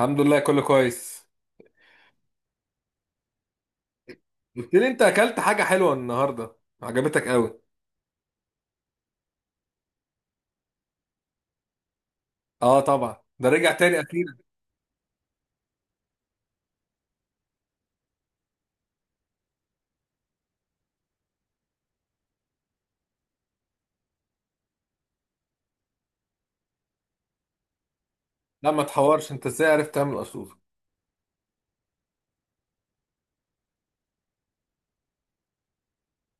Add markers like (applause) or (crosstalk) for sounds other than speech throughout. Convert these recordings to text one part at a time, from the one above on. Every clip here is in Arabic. الحمد لله كله كويس. قلت لي انت اكلت حاجه حلوه النهارده، عجبتك قوي. اه طبعا ده رجع تاني اخيرا. لا ما تحورش، انت ازاي عرفت تعمل قشطوطه؟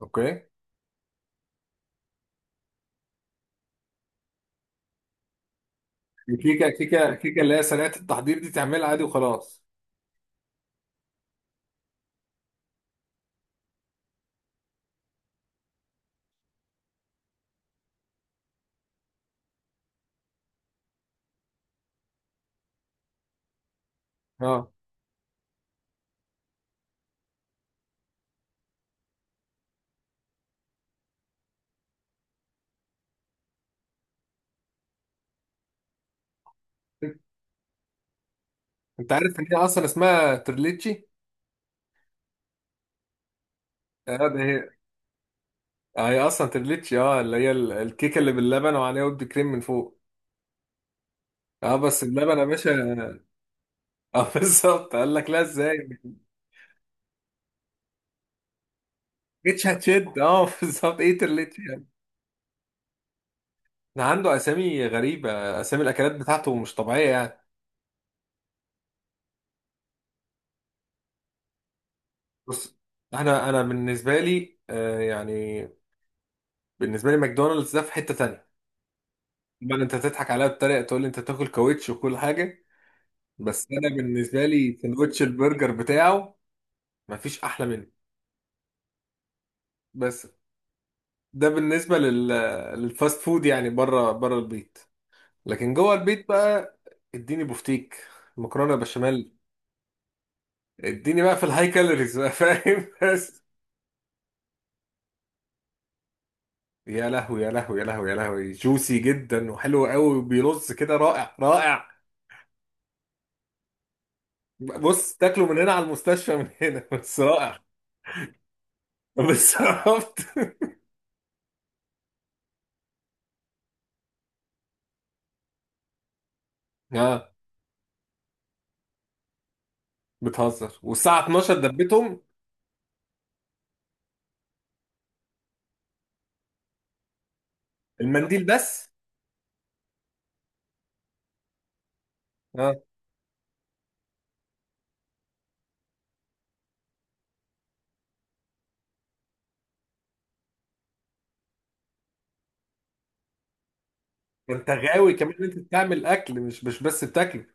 اوكي. الكيكه كيكه اللي هي سريعه التحضير دي تعملها عادي وخلاص. اه، انت عارف ان هي اصلا اسمها ترليتشي. اه ده هي، هي اصلا ترليتشي، اه اللي هي الكيكه اللي باللبن وعليها ود كريم من فوق. اه بس اللبن يا باشا. اه (laughs) بالظبط، قال لك لا ازاي ما جيتش هتشد. اه (laughs) بالظبط ايه ترليتشي. ده عنده اسامي غريبه، اسامي الاكلات بتاعته مش طبيعيه يعني. بص، انا بالنسبه لي يعني بالنسبه لي ماكدونالدز ده في حته تانية. طبعا انت تضحك عليا بطريقه تقول لي انت تاكل كاوتش وكل حاجه، بس انا بالنسبه لي سندوتش البرجر بتاعه مفيش احلى منه. بس ده بالنسبه لل للفاست فود يعني بره البيت. لكن جوه البيت بقى، اديني بوفتيك، مكرونه بشاميل، اديني بقى في الهاي كالوريز بقى فاهم (laughs) بس يا لهوي يا لهوي يا لهوي يا لهوي، جوسي جدا وحلو قوي وبيرص كده، رائع رائع. بص تاكله من هنا على المستشفى من هنا (laughs) بس رائع. بس عرفت اه. بتهزر، والساعة 12 دبتهم. المنديل بس. اه انت غاوي كمان إن انت بتعمل اكل مش بس بتاكل.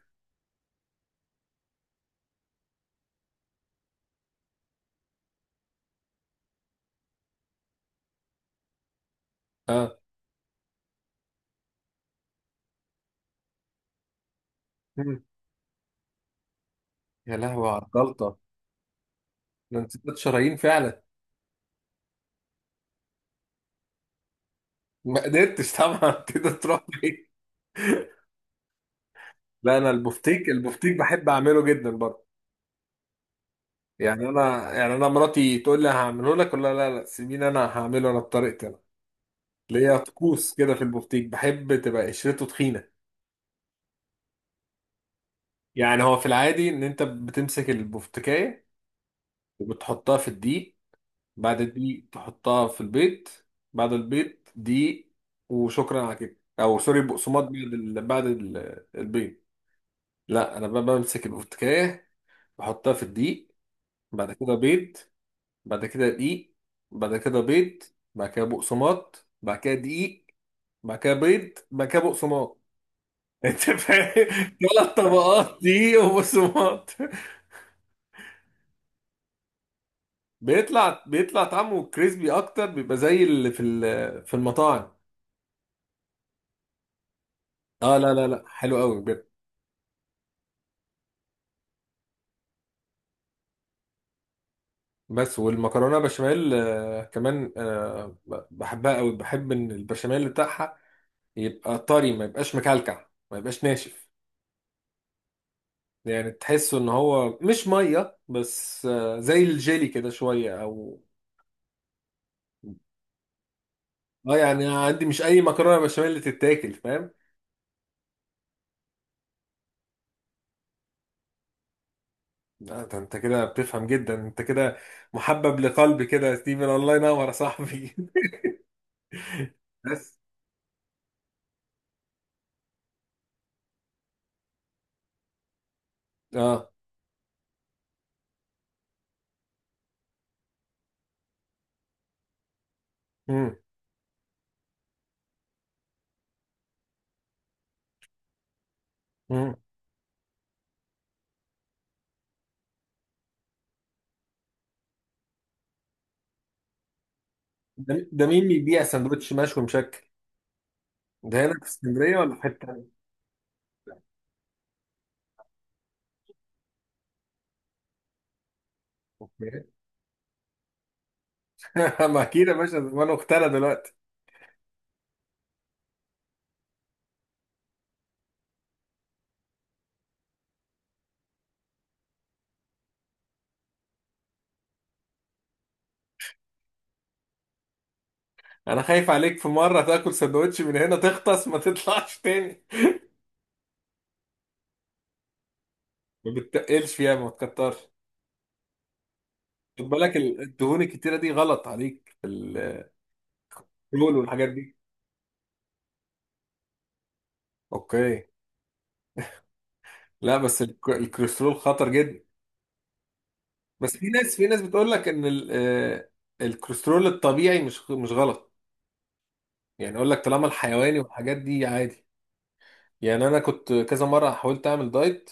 اه. مم. يا لهوي على الجلطة، ده انت ست شرايين فعلا. ما قدرتش طبعا (laughs) تقدر تروح بعيد. لا انا البفتيك، البفتيك بحب اعمله جدا برضه. يعني انا، يعني انا مراتي تقول لي هعمله لك، ولا لا، سيبيني انا هعمله انا بطريقتي انا. ليا طقوس كده في البفتيك، بحب تبقى قشرته تخينه. يعني هو في العادي ان انت بتمسك البفتكايه وبتحطها في الدقيق، بعد الدقيق تحطها في البيض، بعد البيض دقيق، وشكرا على كده، او سوري بقسماط بعد بعد البيض. لا انا بقى بمسك البفتكايه، بحطها في الدقيق، بعد كده بيض، بعد كده دقيق، بعد كده بيض، بعد كده بقسماط، بعد كده دقيق، بعد كده بيض، بعد كده بقسماط (laughs) انت فاهم، ثلاث طبقات دقيق وبقسماط. بيطلع طعمه كريسبي اكتر، بيبقى زي اللي في في المطاعم. اه لا حلو قوي بجد. بس والمكرونه بشاميل كمان بحبها قوي، بحب ان البشاميل بتاعها يبقى طري، ما يبقاش مكلكع، ما يبقاش ناشف. يعني تحسه ان هو مش ميه بس، زي الجيلي كده شويه او اه. يعني عندي مش اي مكرونه بشاميل اللي تتاكل فاهم. لا ده انت كده بتفهم جدا، انت كده محبب لقلبي كده يا ستيفن، الله ينور يا صاحبي (laughs) بس. اه. امم امم ده ده مين بيبيع سندوتش مشوي مشكل؟ ده هنا في اسكندريه ولا في حته تانية؟ (laughs) أوكي. ما اكيد يا باشا، زمان اختنا دلوقتي. انا خايف عليك في مره تاكل سندوتش من هنا تغطس ما تطلعش تاني. ما بتتقلش فيها، ما تكترش. خد بالك الدهون الكتيرة دي غلط عليك، الكوليسترول والحاجات دي. اوكي. لا بس الكوليسترول خطر جدا. بس في ناس، في ناس بتقول لك ان الكوليسترول الطبيعي مش غلط. يعني اقول لك طالما الحيواني والحاجات دي عادي. يعني انا كنت كذا مرة حاولت اعمل دايت،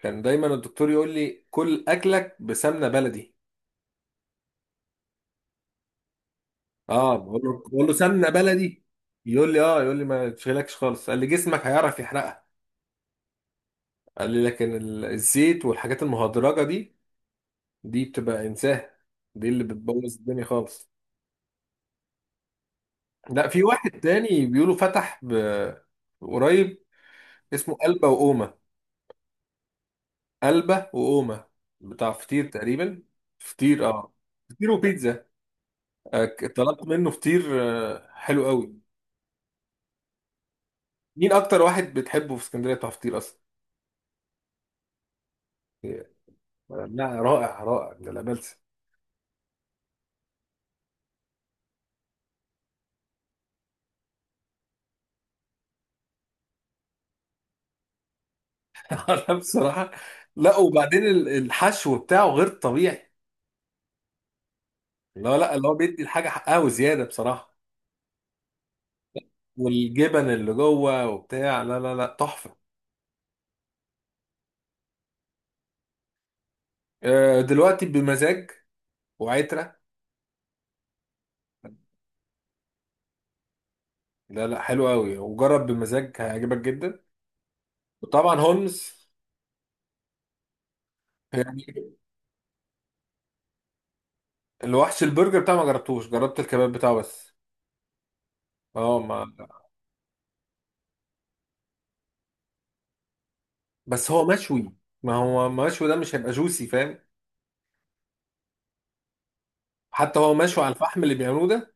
كان دايما الدكتور يقول لي كل اكلك بسمنة بلدي. اه بقول له، بقول له سمنة بلدي، يقول لي اه، يقول لي ما تشغلكش خالص، قال لي جسمك هيعرف يحرقها. قال لي لكن الزيت والحاجات المهدرجة دي، دي بتبقى انساه، دي اللي بتبوظ الدنيا خالص. لا في واحد تاني بيقولوا فتح قريب، اسمه قلبة وقومة. قلبة وقومة بتاع فطير تقريبا، فطير اه، فطير وبيتزا. طلبت منه فطير، حلو قوي. مين اكتر واحد بتحبه في اسكندريه بتاع فطير اصلا؟ إيه، لا رائع رائع ده، لا بلسه (laughs) لا بصراحه، لا وبعدين الحشو بتاعه غير طبيعي. لا لا، اللي هو بيدي الحاجه حقها وزياده بصراحه، والجبن اللي جوه وبتاع، لا لا لا تحفة. دلوقتي بمزاج وعترة. لا لا حلو قوي، وجرب بمزاج هيعجبك جدا. وطبعا هولمز. يعني الوحش البرجر بتاعه ما جربتوش، جربت الكباب بتاعه بس. اه ما. بس هو مشوي، ما هو مشوي، ده مش هيبقى جوسي فاهم. حتى هو مشوي على الفحم اللي بيعملوه ده.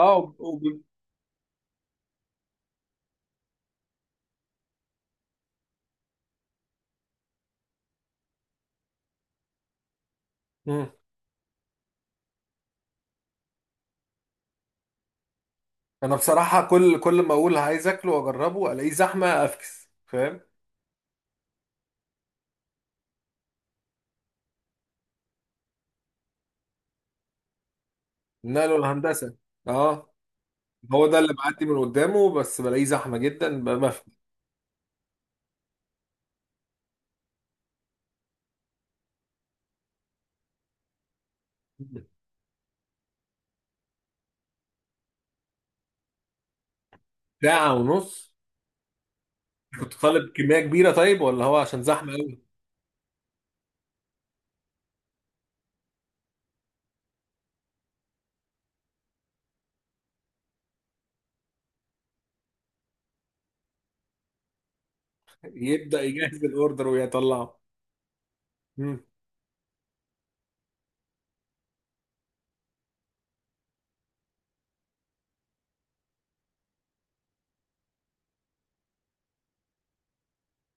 اه وب- وب- مم. انا بصراحة كل ما اقول عايز اكله واجربه الاقيه زحمة افكس فاهم. نقله الهندسة. اه هو ده اللي بعدي من قدامه، بس بلاقيه زحمه جدا بقى، ما في. ساعه ونص؟ كنت طالب كميه كبيره طيب، ولا هو عشان زحمه قوي؟ يبدا يجهز الاوردر ويطلعه. مم.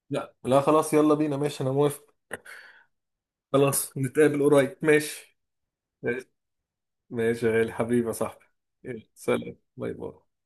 لا لا خلاص يلا بينا، ماشي انا موافق. خلاص نتقابل قريب، ماشي. ماشي، ماشي يا غالي، حبيبي يا صاحبي. يلا، سلام، باي باي.